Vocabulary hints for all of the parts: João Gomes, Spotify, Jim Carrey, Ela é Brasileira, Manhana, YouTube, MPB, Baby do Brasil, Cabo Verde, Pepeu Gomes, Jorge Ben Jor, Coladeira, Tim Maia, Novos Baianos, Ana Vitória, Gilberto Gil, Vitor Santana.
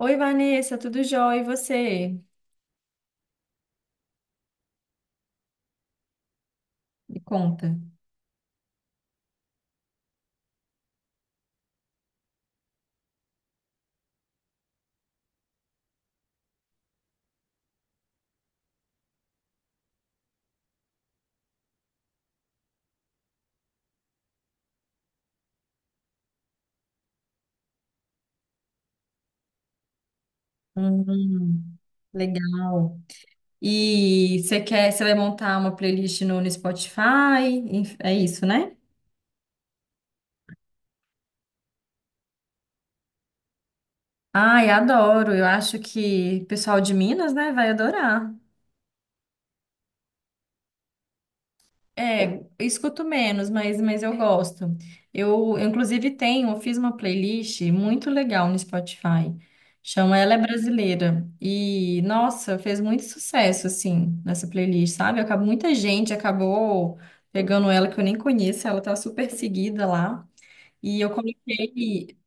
Oi, Vanessa, tudo jóia? E você? Me conta. Hum, legal. E você quer, você vai montar uma playlist no Spotify? É isso, né? Ai, adoro. Eu acho que o pessoal de Minas, né, vai adorar. É, eu escuto menos, mas eu gosto. Inclusive, tenho, eu fiz uma playlist muito legal no Spotify. Chama Ela é Brasileira. E, nossa, fez muito sucesso, assim, nessa playlist, sabe? Muita gente acabou pegando ela que eu nem conheço, ela tá super seguida lá. E eu coloquei.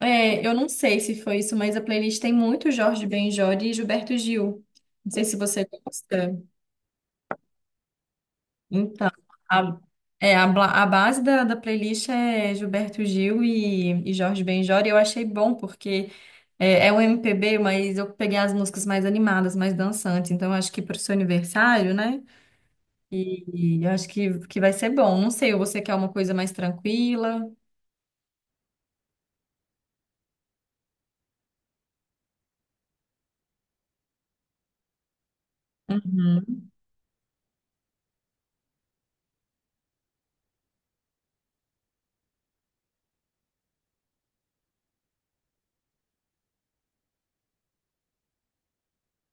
Eu não sei se foi isso, mas a playlist tem muito Jorge Ben Jor e Gilberto Gil. Não sei se você gosta. Então, a, a base da playlist é Gilberto Gil e Jorge Benjor, e eu achei bom, porque é um MPB, mas eu peguei as músicas mais animadas, mais dançantes, então eu acho que para o seu aniversário, né? E eu acho que vai ser bom. Não sei, você quer uma coisa mais tranquila? Uhum,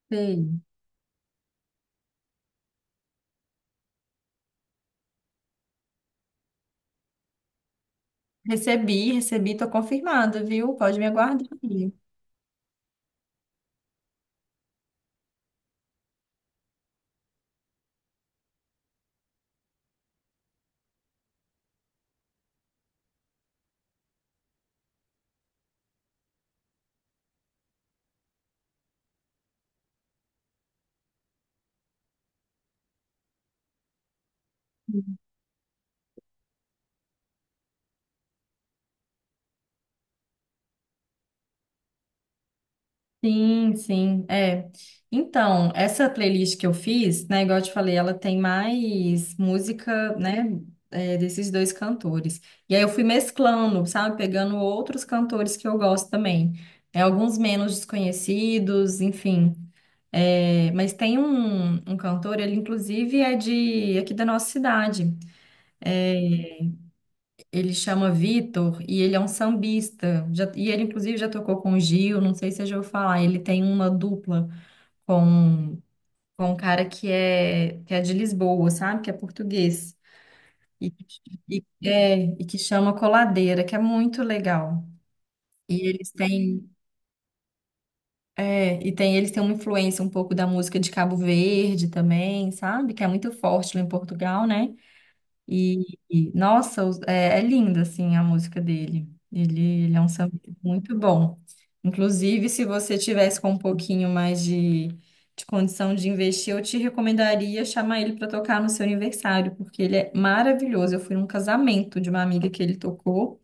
sei. Recebi, recebi, tô confirmada, viu? Pode me aguardar. Sim, sim, é. Então, essa playlist que eu fiz, né, igual eu te falei, ela tem mais música, né, desses dois cantores. E aí eu fui mesclando, sabe, pegando outros cantores que eu gosto também. É, alguns menos desconhecidos, enfim. É, mas tem um cantor, ele inclusive é de aqui da nossa cidade. Ele chama Vitor e ele é um sambista. E ele inclusive já tocou com o Gil, não sei se você já ouviu falar. Ele tem uma dupla com com um cara que é de Lisboa, sabe? Que é português. E, e- é, e que chama Coladeira, que é muito legal. E eles têm, eles têm uma influência um pouco da música de Cabo Verde também, sabe? Que é muito forte lá em Portugal, né? Nossa, é linda assim a música dele. Ele é um samba muito bom. Inclusive, se você tivesse com um pouquinho mais de condição de investir, eu te recomendaria chamar ele para tocar no seu aniversário, porque ele é maravilhoso. Eu fui num casamento de uma amiga que ele tocou.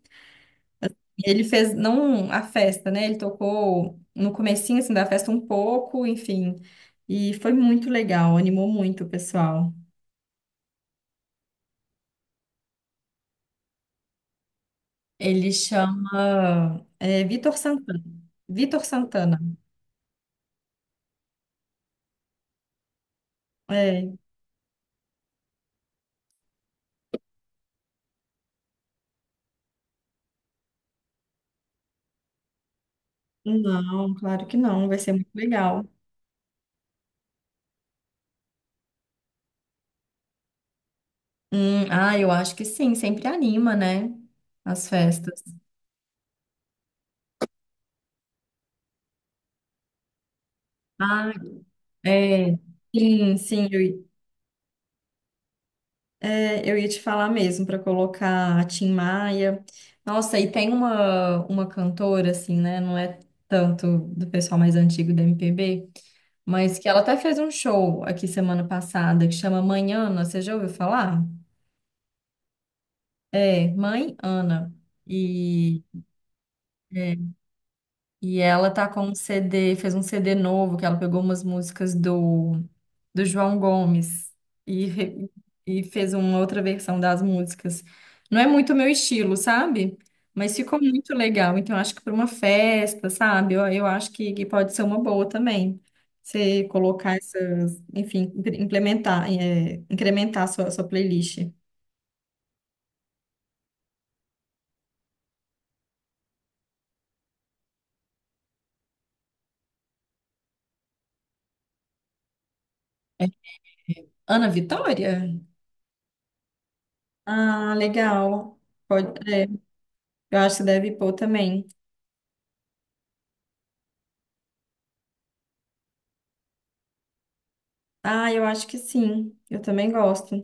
E ele fez não a festa, né? Ele tocou no comecinho assim da festa um pouco, enfim. E foi muito legal, animou muito o pessoal. Ele chama Vitor Santana. Vitor Santana. É. Não, claro que não. Vai ser muito legal. Ah, eu acho que sim. Sempre anima, né? As festas. Ah, é. Sim, sim. Eu ia te falar mesmo para colocar a Tim Maia. Nossa, e tem uma cantora, assim, né? Não é tanto do pessoal mais antigo da MPB, mas que ela até fez um show aqui semana passada que chama Manhana. Você já ouviu falar? É, mãe Ana. E, é, e ela tá com um CD, fez um CD novo, que ela pegou umas músicas do João Gomes e, re- e fez uma outra versão das músicas. Não é muito meu estilo, sabe? Mas ficou muito legal. Então, acho que para uma festa, sabe? Eu acho que pode ser uma boa também. Você colocar essas, enfim, implementar, é, incrementar a sua playlist. Ana Vitória? Ah, legal. Pode, é, eu acho que deve pôr também. Ah, eu acho que sim. Eu também gosto.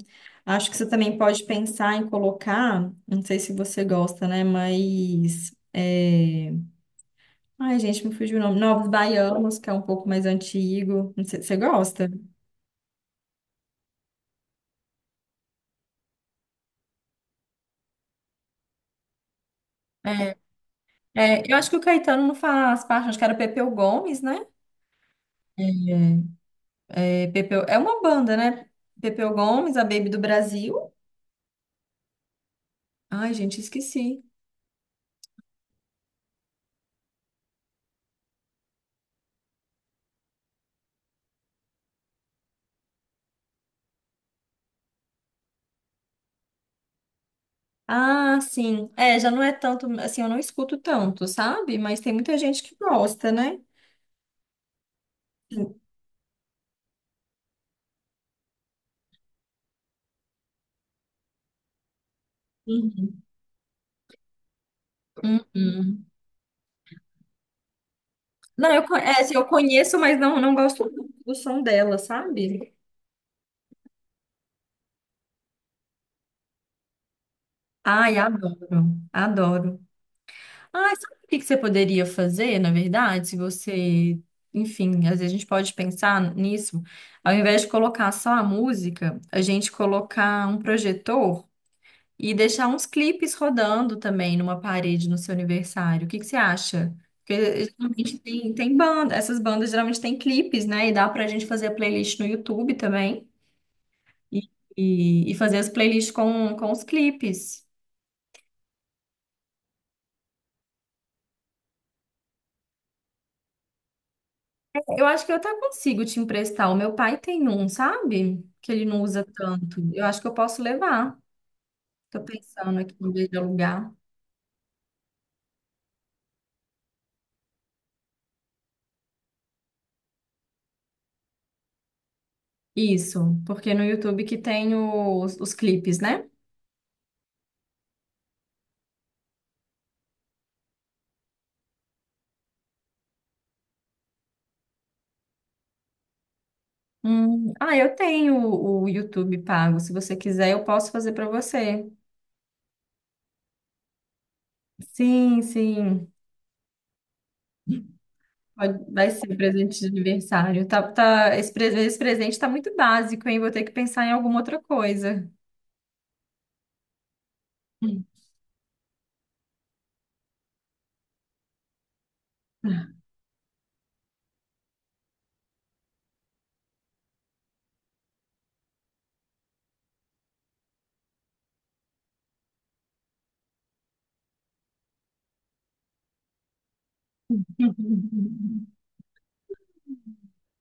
Acho que você também pode pensar em colocar, não sei se você gosta, né? Mas é... Ai, gente, me fugiu o nome. Novos Baianos, que é um pouco mais antigo. Não sei, você gosta? É, eu acho que o Caetano não faz parte, acho que era Pepeu Gomes, né? É. É, Pepeu, é uma banda, né? Pepeu Gomes, a Baby do Brasil. Ai, gente, esqueci. Ah, sim. É, já não é tanto, assim, eu não escuto tanto, sabe? Mas tem muita gente que gosta, né? Sim. Uhum. Uhum. Não, assim, eu conheço, mas não, não gosto muito do som dela, sabe? Ai, adoro, adoro. Ah, sabe o que que você poderia fazer, na verdade, se você, enfim, às vezes a gente pode pensar nisso, ao invés de colocar só a música, a gente colocar um projetor e deixar uns clipes rodando também numa parede no seu aniversário. O que que você acha? Porque geralmente tem, tem banda, essas bandas geralmente têm clipes, né? E dá pra gente fazer a playlist no YouTube também. E, e fazer as playlists com os clipes. Eu acho que eu até consigo te emprestar. O meu pai tem um, sabe? Que ele não usa tanto. Eu acho que eu posso levar. Tô pensando aqui em vez de alugar. Isso, porque no YouTube que tem os clipes, né? Ah, eu tenho o YouTube pago. Se você quiser, eu posso fazer para você. Sim, sim. Vai ser presente de aniversário. Tá, tá, esse presente tá muito básico, hein? Vou ter que pensar em alguma outra coisa.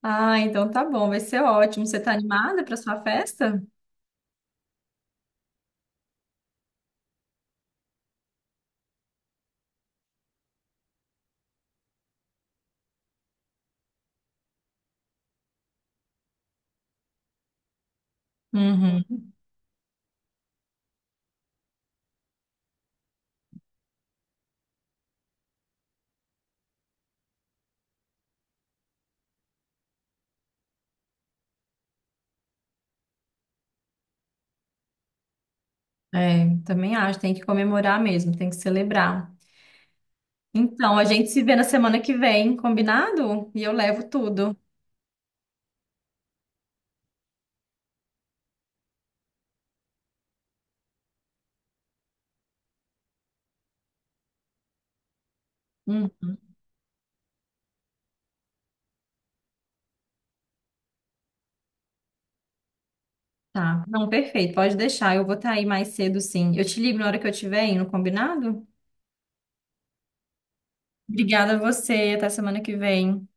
Ah, então tá bom, vai ser ótimo. Você tá animada para sua festa? Uhum. É, também acho, tem que comemorar mesmo, tem que celebrar. Então, a gente se vê na semana que vem, combinado? E eu levo tudo. Uhum. Tá. Não, perfeito. Pode deixar. Eu vou estar aí mais cedo, sim. Eu te ligo na hora que eu estiver indo, combinado? Obrigada a você. Até semana que vem.